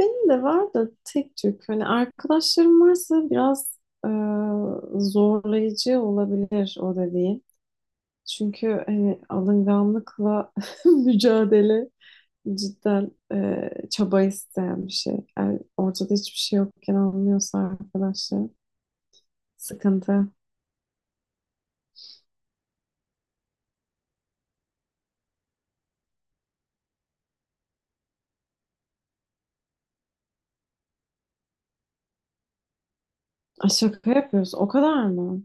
Benim de var da tek Türk. Hani arkadaşlarım varsa biraz e, zorlayıcı olabilir o dediğin. Çünkü hani alınganlıkla mücadele cidden çaba isteyen bir şey. Yani ortada hiçbir şey yokken anlıyorsa arkadaşlar sıkıntı. Ay, şaka yapıyoruz. O kadar mı?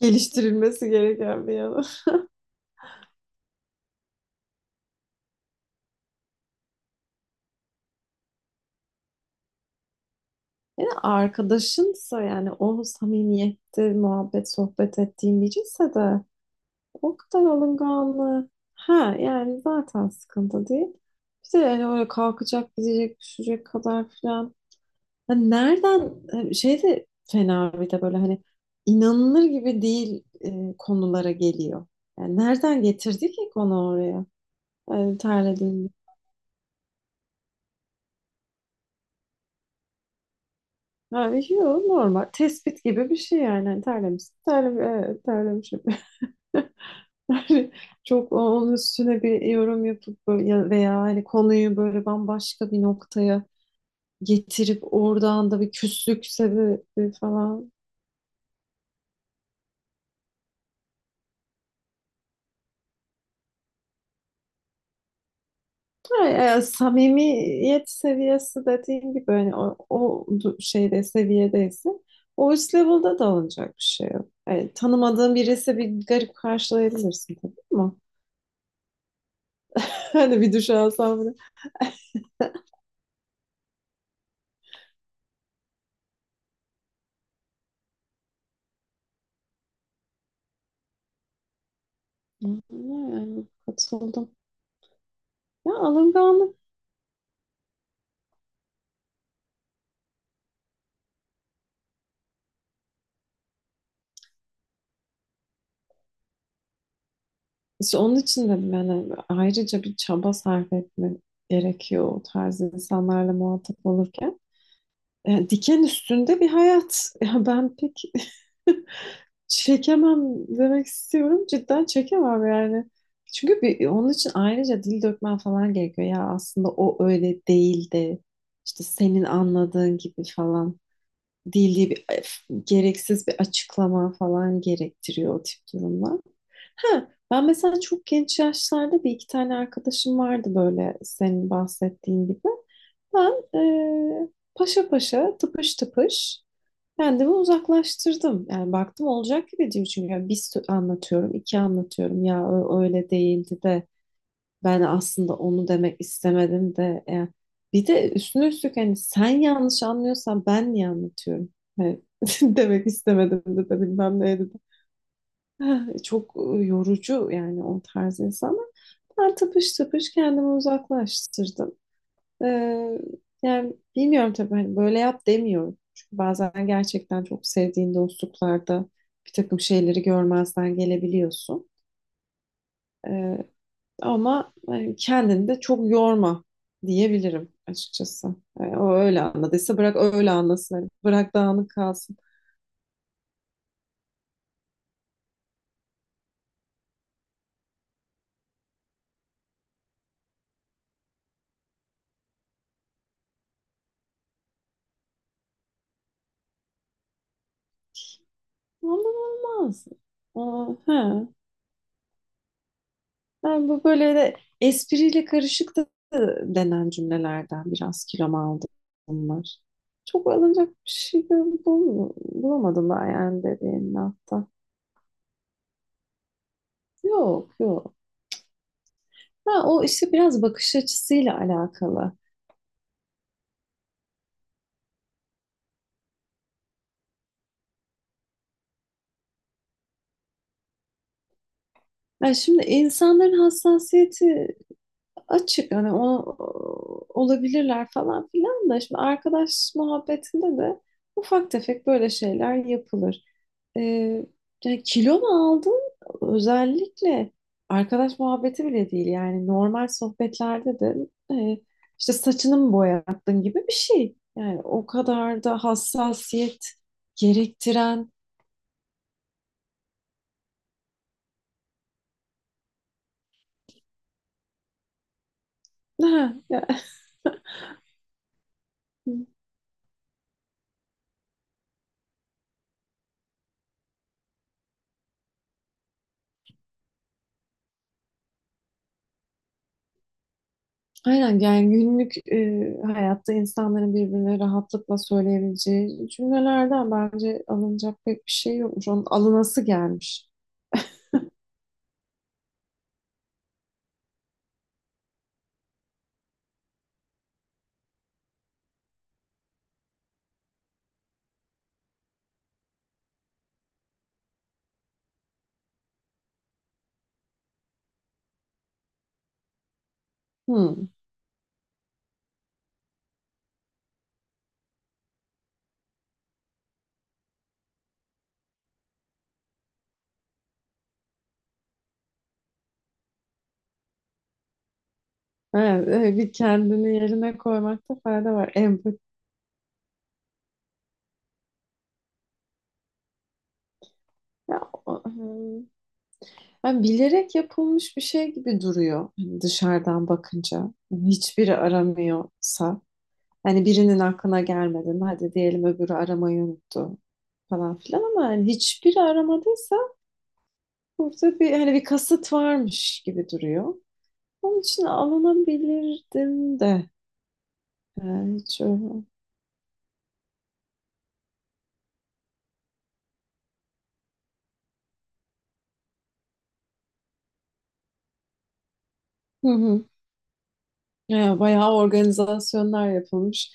Geliştirilmesi gereken bir yanı. Yani arkadaşınsa, yani o samimiyette muhabbet sohbet ettiğin biriyse de o kadar alınganlığı, ha, yani zaten sıkıntı değil. Bir de yani öyle kalkacak, gidecek, düşecek kadar filan. Hani nereden şey de fena, bir de böyle hani inanılır gibi değil konulara geliyor. Yani nereden getirdi ki konu oraya? Yani terlediğini. Abi, yok, normal. Tespit gibi bir şey yani. Hani terlemiş, terlemiş, evet, terlemişim. Yani çok onun üstüne bir yorum yapıp böyle- ya, veya hani konuyu böyle bambaşka bir noktaya getirip oradan da bir küslük sebebi falan. Ha, samimiyet seviyesi dediğim gibi hani o, o du- şeyde seviyedeyse o üst level'da da olacak bir şey yok. Yani tanımadığın birisi bir garip karşılayabilirsin tabii ama hani bir duş alsam bile. Yani katıldım. Ya, alınganlık. İşte onun için dedim yani ayrıca bir çaba sarf etme gerekiyor o tarz insanlarla muhatap olurken. Diken üstünde bir hayat. Ya, ben pek çekemem demek istiyorum. Cidden çekemem yani. Çünkü bir, onun için ayrıca dil dökmen falan gerekiyor. Ya aslında o öyle değildi. İşte senin anladığın gibi falan değil, bir gereksiz bir açıklama falan gerektiriyor o tip durumlar. Ha, ben mesela çok genç yaşlarda bir iki tane arkadaşım vardı böyle senin bahsettiğin gibi. Ben e, paşa paşa, tıpış tıpış kendimi uzaklaştırdım. Yani baktım olacak gibi değil. Çünkü ya bir sö- anlatıyorum, iki anlatıyorum. Ya ö- öyle değildi de, ben aslında onu demek istemedim de. Yani bir de üstüne üstlük hani sen yanlış anlıyorsan ben niye anlatıyorum? Hani demek istemedim de de bilmem neydi de. Ah, çok yorucu yani o tarz insanlar. Ben tıpış tıpış kendimi uzaklaştırdım. Ee, Yani bilmiyorum tabii, hani böyle yap demiyorum. Çünkü bazen gerçekten çok sevdiğin dostluklarda bir takım şeyleri görmezden gelebiliyorsun. Ee, Ama hani kendini de çok yorma diyebilirim açıkçası. O öyle anladıysa bırak öyle anlasın. Hani bırak dağınık kalsın. Ondan olmaz. Aa, he. Yani bu böyle de espriyle karışık da denen cümlelerden, biraz kilom aldım, bunlar. Çok alınacak bir şey bul- bul- bulamadım ben yani dediğin hafta. Yok, yok. Ha, o işte biraz bakış açısıyla alakalı. Yani şimdi insanların hassasiyeti açık, hani o, olabilirler falan filan da, şimdi arkadaş muhabbetinde de ufak tefek böyle şeyler yapılır. Ee, Yani kilo mu aldın? Özellikle arkadaş muhabbeti bile değil yani, normal sohbetlerde de e, işte saçını mı boyattın gibi bir şey. Yani o kadar da hassasiyet gerektiren. Ha, ya. Aynen, yani günlük hayatta insanların birbirine rahatlıkla söyleyebileceği cümlelerden bence alınacak pek bir şey yokmuş. Onun alınası gelmiş. Hmm. Evet, bir kendini yerine koymakta fayda var. Empati. Ya, o- hmm. Yani bilerek yapılmış bir şey gibi duruyor hani dışarıdan bakınca. Hiçbiri aramıyorsa. Hani birinin aklına gelmedi mi? Hadi diyelim öbürü aramayı unuttu falan filan, ama hani hiçbiri aramadıysa burada bir hani bir kasıt varmış gibi duruyor. Onun için alınabilirdim de. Yani hiç öyle. Hı hı. Ya bayağı organizasyonlar yapılmış.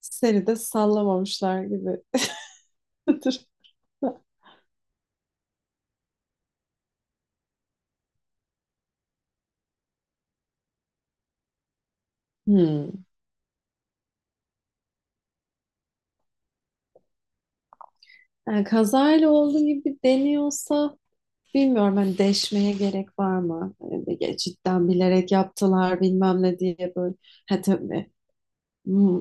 Seni de sallamamışlar gibi. Hmm. Yani kazayla olduğu gibi deniyorsa, bilmiyorum hani, deşmeye gerek var mı? Hani ya cidden bilerek yaptılar bilmem ne diye böyle. Ha, tabii. Hmm,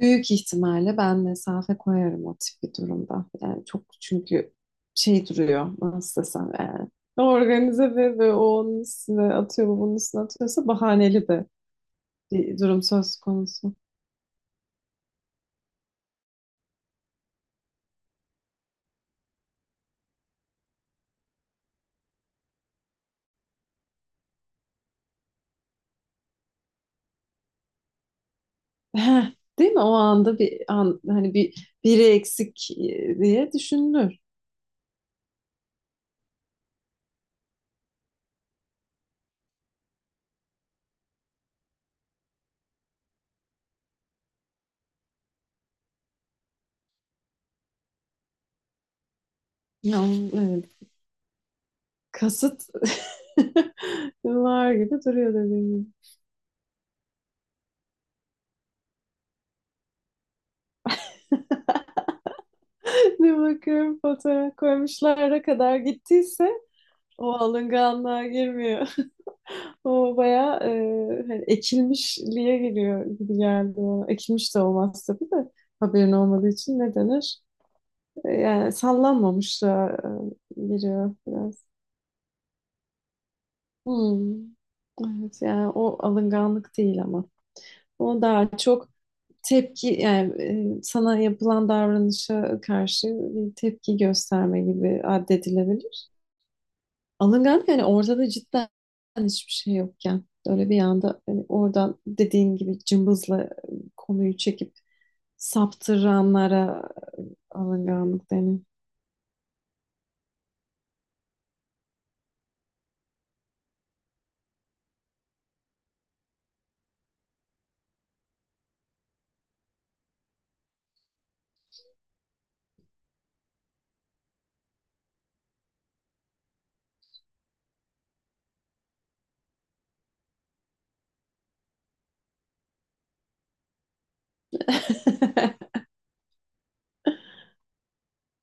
büyük ihtimalle ben mesafe koyarım o tip bir durumda. Yani çok, çünkü şey duruyor, nasıl desem yani. Organize ve o onun üstüne atıyor, bu bunun üstüne atıyorsa bahaneli de bir durum söz konusu. Heh, değil mi? O anda bir an, hani bir biri eksik diye düşünülür. Ya, evet. Kasıt var gibi duruyor dediğim gibi. Bir bakıyorum fotoğraf koymuşlara kadar gittiyse o alınganlığa girmiyor. O bayağı hani ekilmişliğe giriyor gibi geldi bana. Ekilmiş de olmaz tabii de, haberin olmadığı için ne denir? Yani sallanmamışlığa giriyor. Hmm. Evet, yani o alınganlık değil ama. O daha çok tepki yani, sana yapılan davranışa karşı bir tepki gösterme gibi addedilebilir. Alınganlık yani orada da cidden hiçbir şey yokken öyle bir anda, hani oradan dediğin gibi cımbızla konuyu çekip saptıranlara alınganlık denir.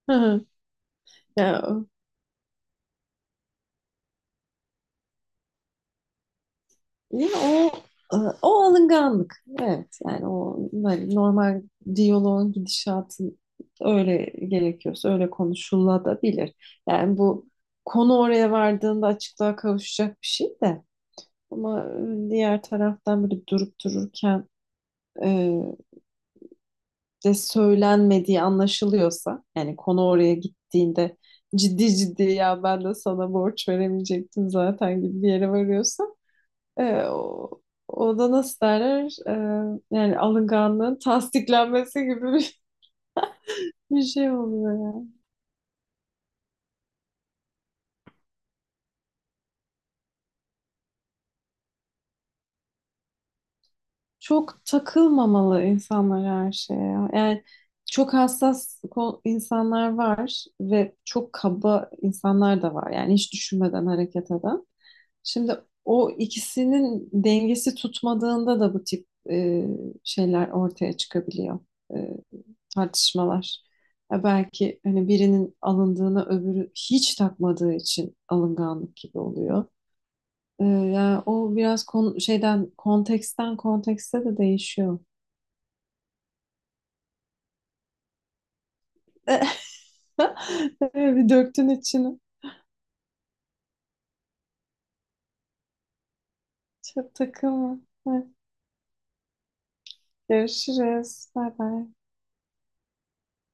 Ya, değil mi? O, o alınganlık. Evet, yani o böyle normal diyaloğun gidişatı öyle gerekiyorsa öyle konuşulabilir. Yani bu konu oraya vardığında açıklığa kavuşacak bir şey de, ama diğer taraftan böyle durup dururken e, de söylenmediği anlaşılıyorsa, yani konu oraya gittiğinde ciddi ciddi ya ben de sana borç veremeyecektim zaten gibi bir yere varıyorsa, e, o, o da nasıl derler? Yani alınganlığın tasdiklenmesi gibi bir, bir şey oluyor ya. Çok takılmamalı insanlar her şeye, ya. Yani çok hassas ko- insanlar var ve çok kaba insanlar da var. Yani hiç düşünmeden hareket eden. Şimdi o ikisinin dengesi tutmadığında da bu tip şeyler ortaya çıkabiliyor. E, Tartışmalar. Ya belki hani birinin alındığını öbürü hiç takmadığı için alınganlık gibi oluyor. Yani o biraz kon- şeyden konteksten kontekste de değişiyor. Bir döktün içine. Çok takılma. Heh, görüşürüz. Bay bay.